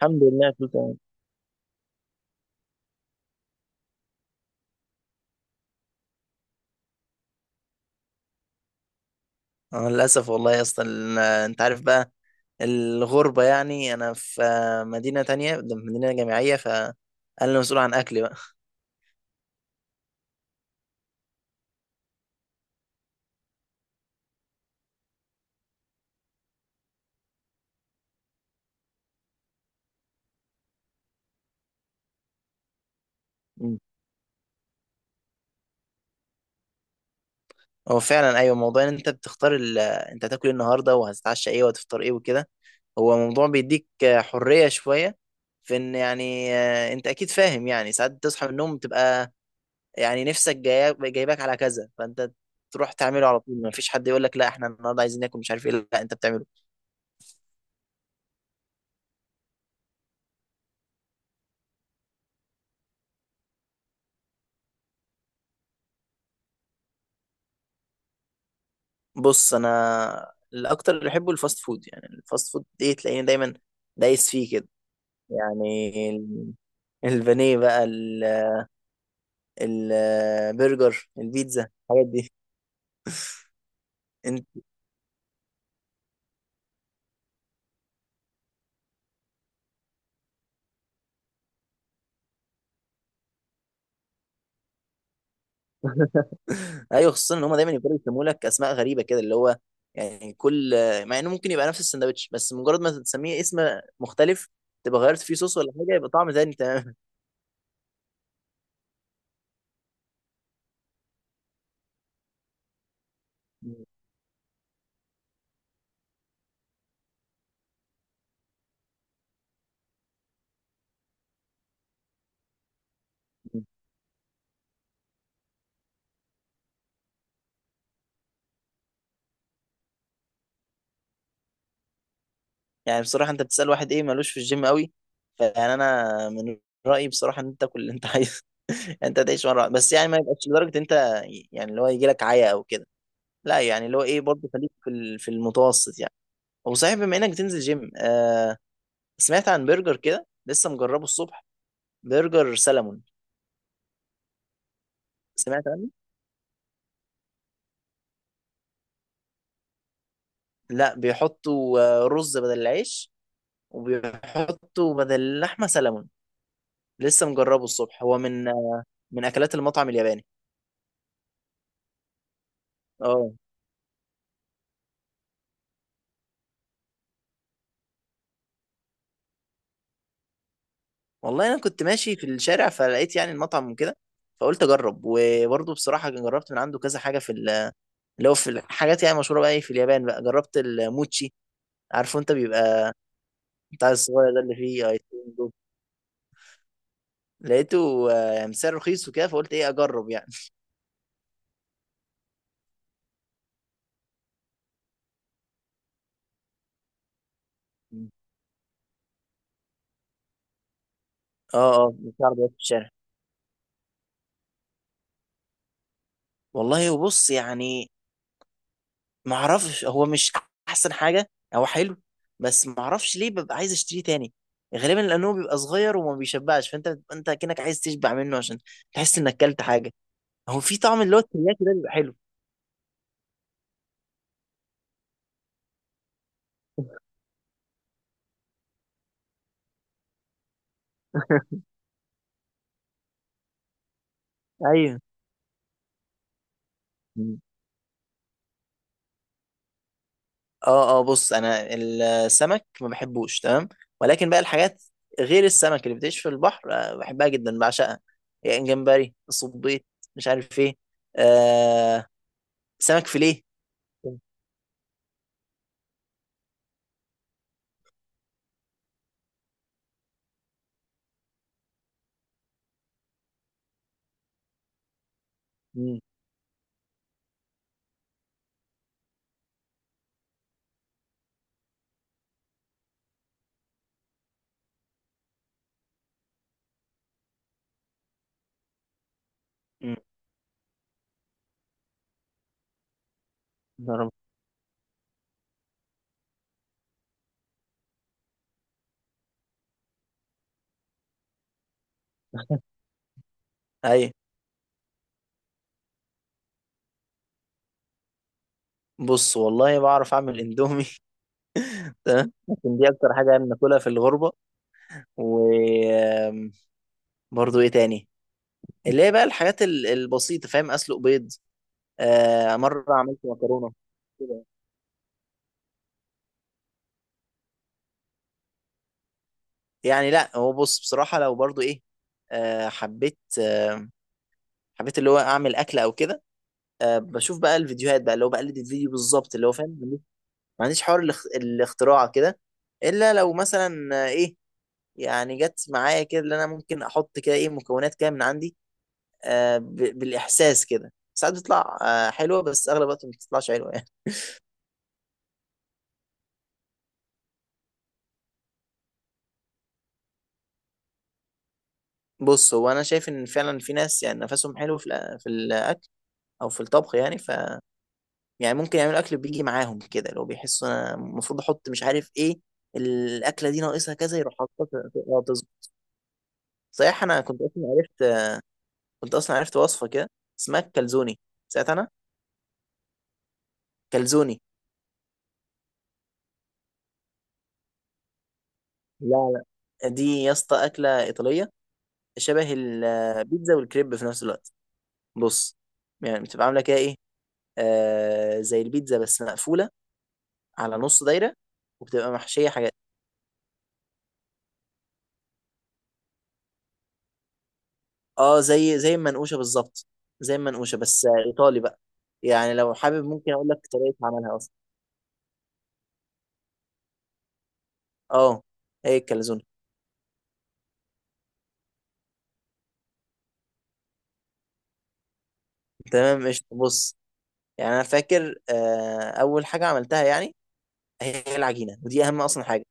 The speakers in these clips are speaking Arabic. الحمد لله، كله تمام. أنا للأسف والله يا اسطى، أنت عارف بقى الغربة. يعني أنا في مدينة تانية، مدينة جامعية، فأنا اللي مسؤول عن أكلي بقى. مم. هو فعلا أيوة، موضوع إن أنت بتختار أنت هتاكل إيه النهاردة وهتتعشى إيه وهتفطر إيه وكده. هو موضوع بيديك حرية شوية في إن، يعني أنت أكيد فاهم، يعني ساعات تصحى من النوم تبقى، يعني نفسك جايباك على كذا، فأنت تروح تعمله على طول. مفيش حد يقول لك لا، إحنا النهاردة عايزين ناكل مش عارف إيه. لا أنت بتعمله. بص، انا الاكتر اللي بحبه الفاست فود، يعني الفاست فود ايه، تلاقيني دايما دايس فيه كده. يعني البانيه بقى البرجر، البيتزا، الحاجات دي. انت. ايوه، خصوصا ان هم دايما يفضلوا يسموا لك اسماء غريبه كده، اللي هو يعني كل، مع انه ممكن يبقى نفس السندوتش، بس مجرد ما تسميه اسم مختلف، تبقى غيرت فيه صوص ولا حاجه، يبقى طعم تاني، تمام. يعني بصراحة، انت بتسأل واحد ايه مالوش في الجيم قوي. فيعني انا من رأيي بصراحة، ان انت تاكل اللي انت عايزه. انت تعيش مرة واحدة. بس يعني ما يبقاش لدرجة انت يعني اللي هو يجي لك عيا او كده. لا يعني اللي هو ايه برضه، خليك في في المتوسط يعني. وصحيح، بما انك تنزل جيم، سمعت عن برجر كده لسه مجربه الصبح، برجر سلمون. سمعت عنه. لا، بيحطوا رز بدل العيش، وبيحطوا بدل اللحمة سلمون. لسه مجربه الصبح، هو من اكلات المطعم الياباني. اه. والله انا كنت ماشي في الشارع، فلقيت يعني المطعم وكده، فقلت اجرب. وبرضه بصراحه جربت من عنده كذا حاجه في اللي هو، في الحاجات يعني مشهوره بقى إيه في اليابان، بقى جربت الموتشي. عارفه انت، بيبقى بتاع الصغير ده اللي فيه ايس كريم ده. لقيته سعر رخيص وكده، فقلت ايه اجرب يعني. اه، اه، بتاع عربيات في الشارع. والله وبص، يعني ما اعرفش، هو مش احسن حاجه، هو حلو، بس ما اعرفش ليه ببقى عايز اشتريه تاني، غالبا لانه بيبقى صغير وما بيشبعش، فانت بتبقى انت كأنك عايز تشبع منه، عشان تحس انك اكلت حاجه. هو في طعم اللي هو الترياكي ده بيبقى حلو. ايوه. مم. اه، اه، بص انا السمك ما بحبوش تمام. ولكن بقى الحاجات غير السمك اللي بتعيش في البحر، بحبها جدا، بعشقها. يعني جمبري، صبيط، مش عارف ايه، آه سمك فيليه. مم. مم. نعم. ايوه. بص، والله بعرف اعمل اندومي. تمام، لكن دي اكتر حاجه انا باكلها في الغربه. وبرضه ايه تاني، اللي هي بقى الحاجات البسيطه، فاهم، اسلق بيض، مره عملت مكرونه كده. يعني لا، هو بص بصراحه، لو برضه ايه، آه حبيت آه حبيت اللي هو اعمل اكل او كده. بشوف بقى الفيديوهات بقى، اللي هو بقلد الفيديو بالظبط اللي هو، فاهم. ما عنديش حوار الاختراع كده، الا لو مثلا ايه، يعني جت معايا كده، اللي انا ممكن احط كده ايه مكونات كده من عندي، بالاحساس كده، ساعات بتطلع حلوه، بس اغلب الوقت ما بتطلعش حلوه يعني. بص هو انا شايف ان فعلا في ناس يعني نفسهم حلو في في الاكل، او في الطبخ يعني، يعني ممكن يعملوا اكل بيجي معاهم كده، لو بيحسوا انا المفروض احط مش عارف ايه، الاكله دي ناقصها كذا، يروح حاططها تظبط. صحيح، انا كنت اصلا عرفت وصفه كده، اسمها الكالزوني. ساعتها انا. كالزوني. لا، لا، دي يا اسطى اكله ايطاليه، شبه البيتزا والكريب في نفس الوقت. بص، يعني بتبقى عامله كده ايه، زي البيتزا بس مقفولة على نص دايرة، وبتبقى محشية حاجات. اه، زي المنقوشة بالظبط. زي المنقوشة بس ايطالي بقى. يعني لو حابب ممكن اقول لك طريقة عملها اصلا. اه، هي الكاليزون. تمام قشطة، بص. يعني انا فاكر، اول حاجة عملتها يعني هي العجينة، ودي اهم اصلا حاجة.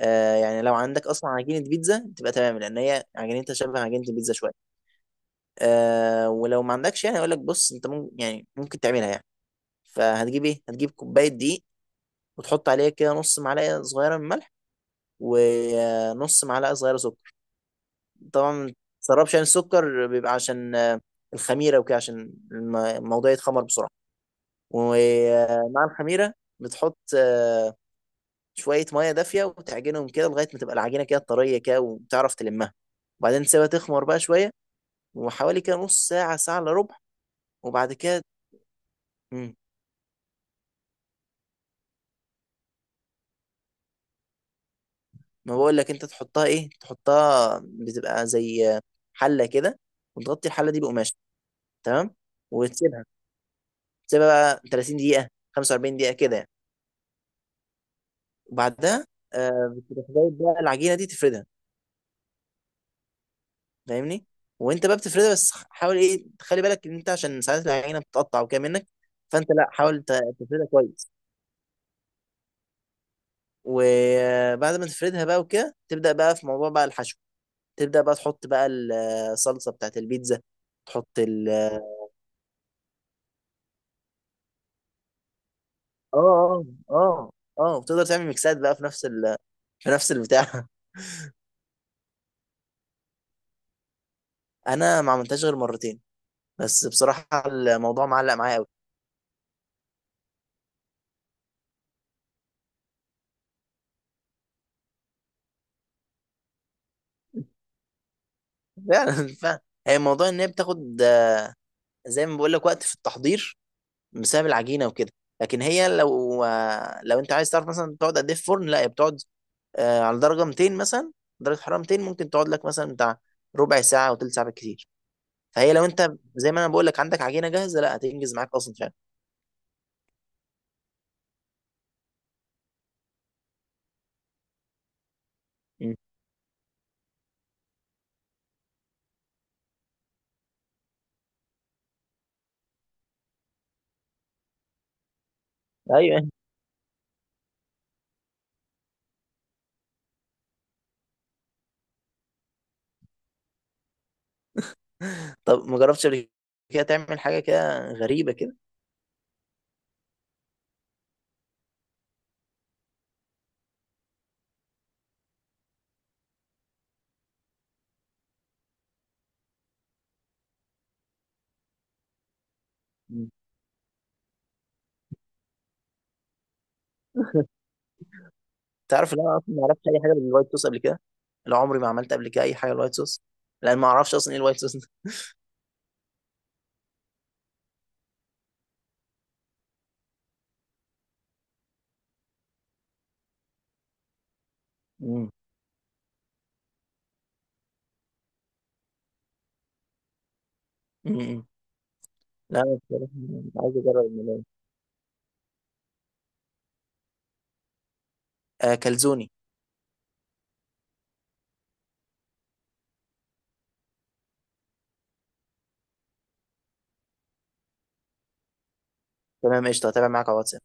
يعني لو عندك اصلا عجينة بيتزا تبقى تمام، لان هي عجينتها شبه عجينة البيتزا شوية. ولو ما عندكش، يعني اقول لك بص، انت ممكن، يعني ممكن تعملها يعني. فهتجيب ايه، هتجيب كوبايه دقيق، وتحط عليه كده نص معلقه صغيره من ملح، ونص معلقه صغيره سكر. طبعا ما تسربش عن السكر، بيبقى عشان الخميره وكده، عشان الموضوع يتخمر بسرعه. ومع الخميره بتحط شويه ميه دافيه، وتعجنهم كده لغايه ما تبقى العجينه كده طريه كده، وتعرف تلمها. وبعدين تسيبها تخمر بقى شويه، وحوالي كده نص ساعه، ساعه الا ربع. وبعد كده. مم. ما بقول لك انت تحطها بتبقى زي حله كده، وتغطي الحله دي بقماش، تمام. وتسيبها بقى 30 دقيقة، 45 دقيقة كده يعني. وبعدها بتروح جايب بقى العجينة دي تفردها، فاهمني. وانت بقى بتفردها، بس حاول ايه تخلي بالك ان انت، عشان ساعات العجينة بتقطع وكده منك. فانت لا، حاول تفردها كويس. وبعد ما تفردها بقى وكده، تبدأ بقى في موضوع بقى الحشو. تبدأ بقى تحط بقى الصلصة بتاعت البيتزا. تحط ال اه اه اه اه وتقدر تعمل ميكسات بقى في نفس في نفس البتاع. انا ما عملتهاش غير مرتين، بس بصراحة الموضوع معلق معايا قوي. فعلا فعلا. هي موضوع ان هي بتاخد، زي ما بقول لك، وقت في التحضير، بسبب العجينة وكده. لكن هي لو انت عايز تعرف مثلا بتقعد قد ايه في فرن، لا هي بتقعد على درجة 200 مثلا، درجة حرارة 200 ممكن تقعد لك مثلا بتاع ربع ساعة او تلت ساعة بالكتير. فهي لو انت زي ما انا بقول لك عندك عجينة جاهزة، لا هتنجز معاك اصلا فعلا. مم. ايوه. طب ما جربتش قبل كده تعمل حاجة كده غريبة كده؟ تعرف ان انا اصلا ما عرفتش اي حاجه بالوايت صوص قبل كده. لا، عمري ما عملت قبل كده اي حاجه بالوايت صوص، لان ما اعرفش اصلا ايه الوايت صوص ده. مم. مم. لا أنا بصراحة عايز اجرب الموضوع ده. كلزوني. تمام قشطه، هتابع معاك على واتساب.